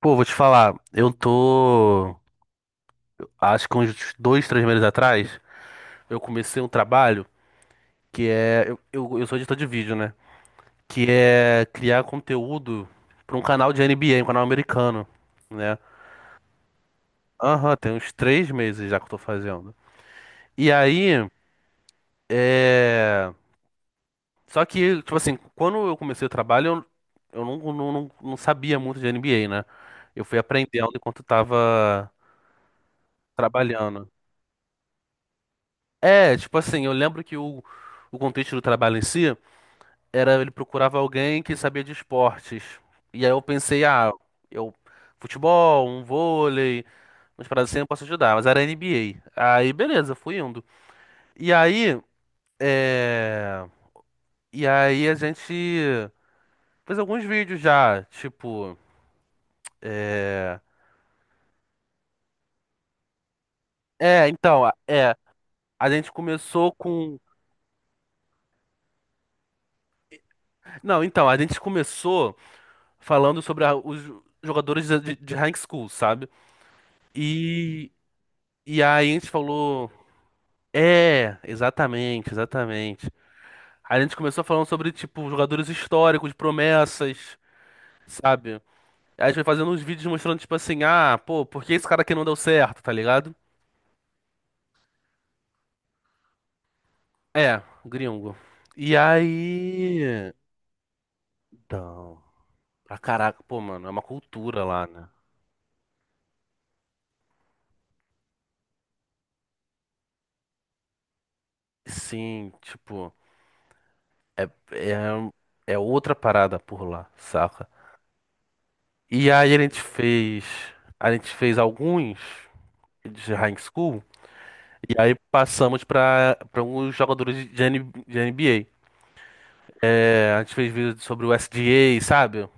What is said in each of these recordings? Pô, vou te falar, eu tô, acho que uns dois, três meses atrás, eu comecei um trabalho que é, eu sou editor de vídeo, né? Que é criar conteúdo pra um canal de N B A, um canal americano, né? Aham, tem uns três meses já que eu tô fazendo. E aí, é... só que, tipo assim, quando eu comecei o trabalho, eu não sabia muito de N B A, né? Eu fui aprendendo enquanto tava trabalhando. É, tipo assim, eu lembro que o contexto do trabalho em si era ele procurava alguém que sabia de esportes. E aí eu pensei, ah, eu futebol, um vôlei, umas paradas assim eu posso ajudar, mas era NBA. Aí beleza, eu fui indo. E aí, é... e aí a gente fez alguns vídeos já, tipo, é, então, a- é, a gente começou com, não, então, a gente começou falando sobre os jogadores de high school, sabe? E E aí a gente falou, é, exatamente, exatamente. Aí a gente começou falando sobre, tipo, jogadores históricos, promessas, sabe? Aí a gente foi fazendo uns vídeos mostrando, tipo assim, ah, pô, por que esse cara aqui não deu certo, tá ligado? É, gringo. E aí. Então, pra caraca, pô, mano, é uma cultura lá, né? Sim, tipo, é, é, é outra parada por lá, saca? E aí a gente fez. A gente fez alguns de high school. E aí passamos para alguns jogadores de NBA. É, a gente fez vídeo sobre o SGA, sabe?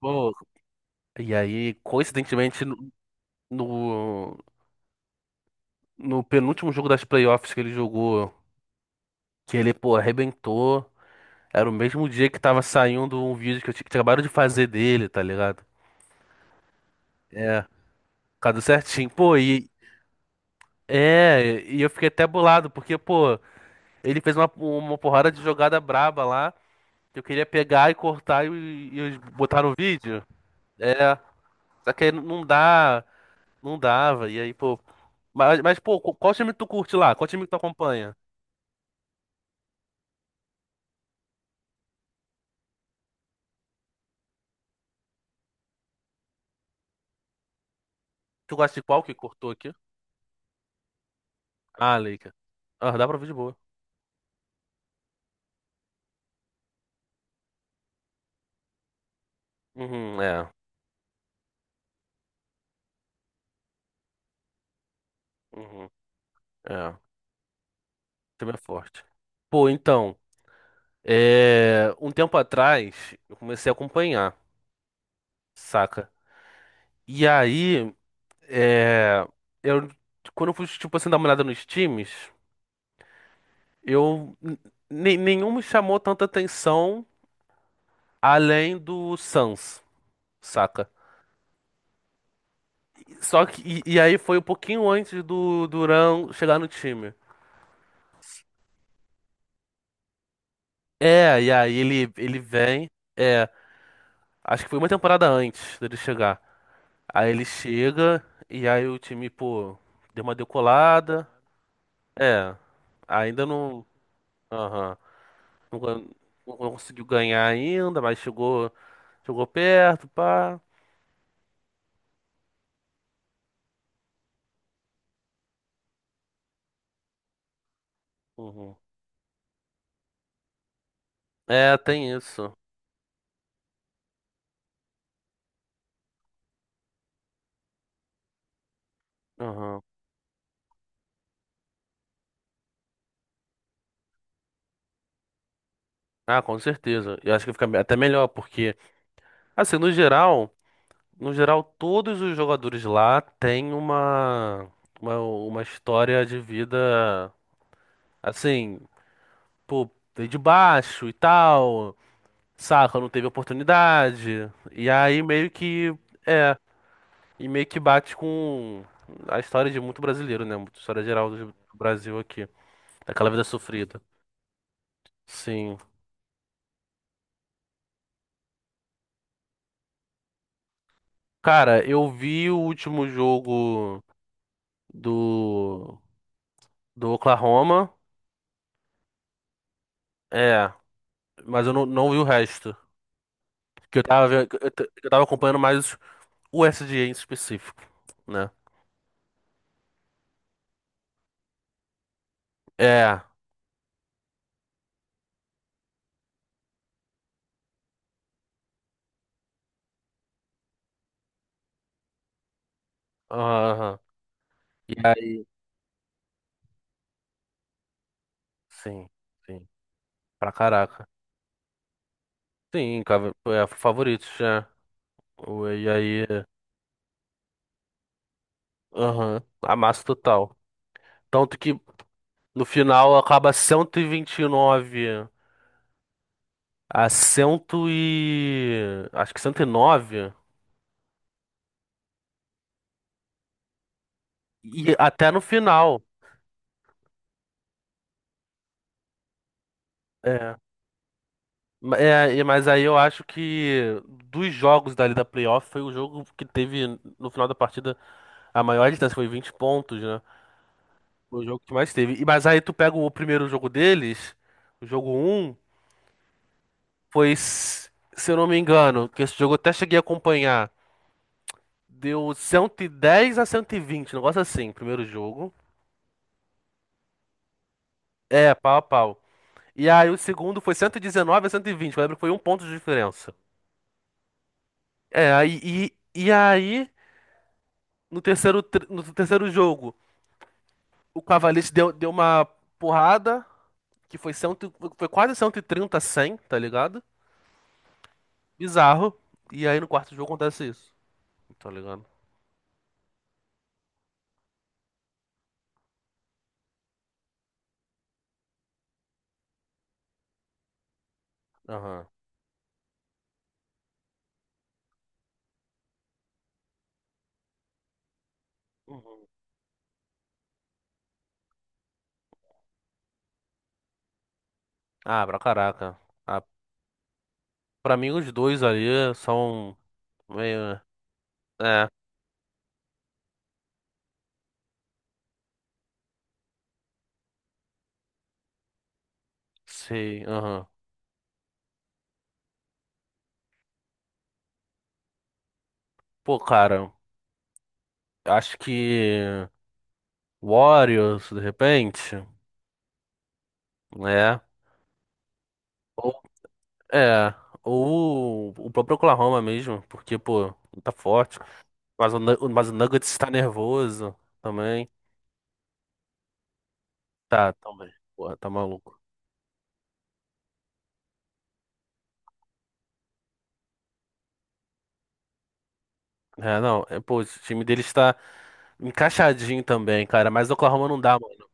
Pô, e aí, coincidentemente, no, no penúltimo jogo das playoffs que ele jogou, que ele, pô, arrebentou, era o mesmo dia que tava saindo um vídeo que eu tinha que acabaram de fazer dele, tá ligado? É, cadê certinho. Pô, e eu fiquei até bolado, porque, pô, ele fez uma porrada de jogada braba lá. Eu queria pegar e cortar e botar no vídeo. É. Só que aí não dá. Não dava. E aí, pô. Pô, qual time tu curte lá? Qual time que tu acompanha? Tu gosta de qual que cortou aqui? Ah, Leica. Ah, dá pra ouvir de boa. Uhum, é. Uhum, é. O time é forte. Pô, então. Um tempo atrás, eu comecei a acompanhar, saca? E aí, é... eu. Quando eu fui, tipo assim, dar uma olhada nos times. Eu nenhum me chamou tanta atenção além do Suns, saca? Só que e aí foi um pouquinho antes do Durant chegar no time. É, e aí ele vem, é, acho que foi uma temporada antes dele chegar. Aí ele chega e aí o time, pô, deu uma decolada. É, ainda não, aham, não, não conseguiu ganhar ainda, mas chegou chegou perto, pá. Uhum. É, tem isso. Aham. Ah, com certeza. Eu acho que fica até melhor, porque, assim, no geral, todos os jogadores lá têm uma história de vida, assim, pô, veio de baixo e tal, saca, não teve oportunidade. E aí meio que, é, e meio que bate com a história de muito brasileiro, né? Muita história geral do Brasil aqui, daquela vida sofrida. Sim. Cara, eu vi o último jogo do do Oklahoma, é. Mas eu não, não vi o resto. Que eu tava, eu tava acompanhando mais o SDA em específico, né? É. Aham. E aí, sim, sim. Pra caraca. Sim, cara, é favoritos, já. E aí, aham. Amasso total. Tanto que no final acaba cento e vinte e nove a 100 e... Acho que cento e nove e até no final. É. Mas aí eu acho que dos jogos dali da playoff foi o jogo que teve no final da partida a maior distância, foi 20 pontos, né? Foi o jogo que mais teve. E, mas aí tu pega o primeiro jogo deles, o jogo um foi, se eu não me engano, que esse jogo eu até cheguei a acompanhar, deu 110 a 120, um negócio assim, primeiro jogo. É, pau a pau. E aí o segundo foi 119 a 120, eu lembro que foi um ponto de diferença. É, aí, e aí no terceiro, no terceiro jogo. O Cavalete deu, deu uma porrada, que foi, cento, foi quase 130 a 100, tá ligado? Bizarro. E aí no quarto jogo acontece isso, tá ligado? Aham. Uhum. Ah, pra caraca. Ah, pra mim os dois ali são meio... É, sei, aham. Pô, cara, acho que Warriors, de repente, né? Ou, é, ou o próprio Oklahoma mesmo, porque, pô, tá forte. Mas mas o Nuggets está nervoso também. Tá, também. Porra, tá maluco. É, não. É, pô, o time dele está encaixadinho também, cara. Mas o Oklahoma não dá, mano.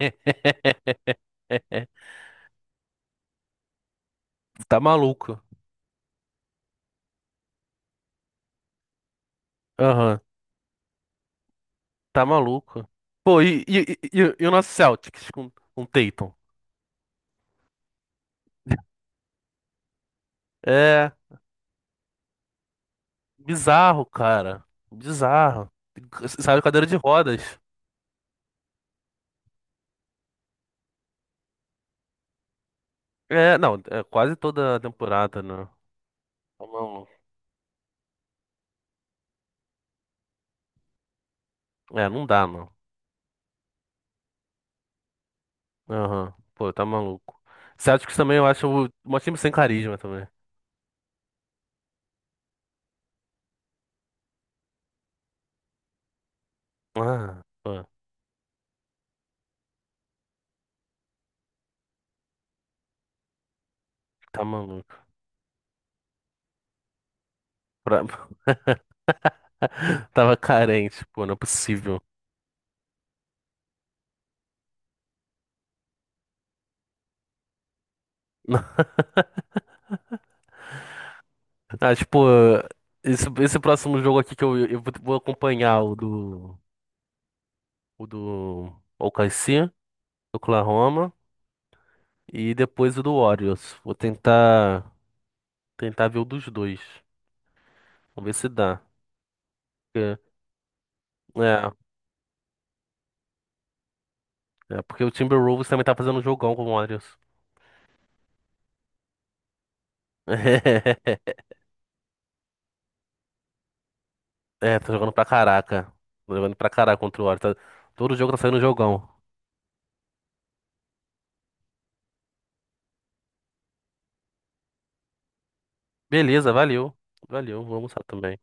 Tá maluco. Aham, tá maluco. Pô, e o nosso Celtics com o Tatum? É bizarro, cara. Bizarro. Saiu cadeira de rodas. É, não, é quase toda a temporada, né? Tá maluco. É, não dá, não. Aham. Pô, tá maluco. Celtics também eu acho um time sem carisma também. Ah, pô, tá maluco. Pra- Tava carente, pô, não é possível. Ah, tipo, esse próximo jogo aqui que eu vou acompanhar o do OKC, do Oklahoma, e depois o do Warriors. Vou tentar, tentar ver o dos dois. Vamos ver se dá. Porque- É, é porque o Timberwolves também tá fazendo um jogão com o Warriors. É, tá jogando pra caraca. Tá jogando pra caraca contra o Warriors. Tá- Todo jogo tá saindo jogão. Beleza, valeu. Valeu, vou almoçar também.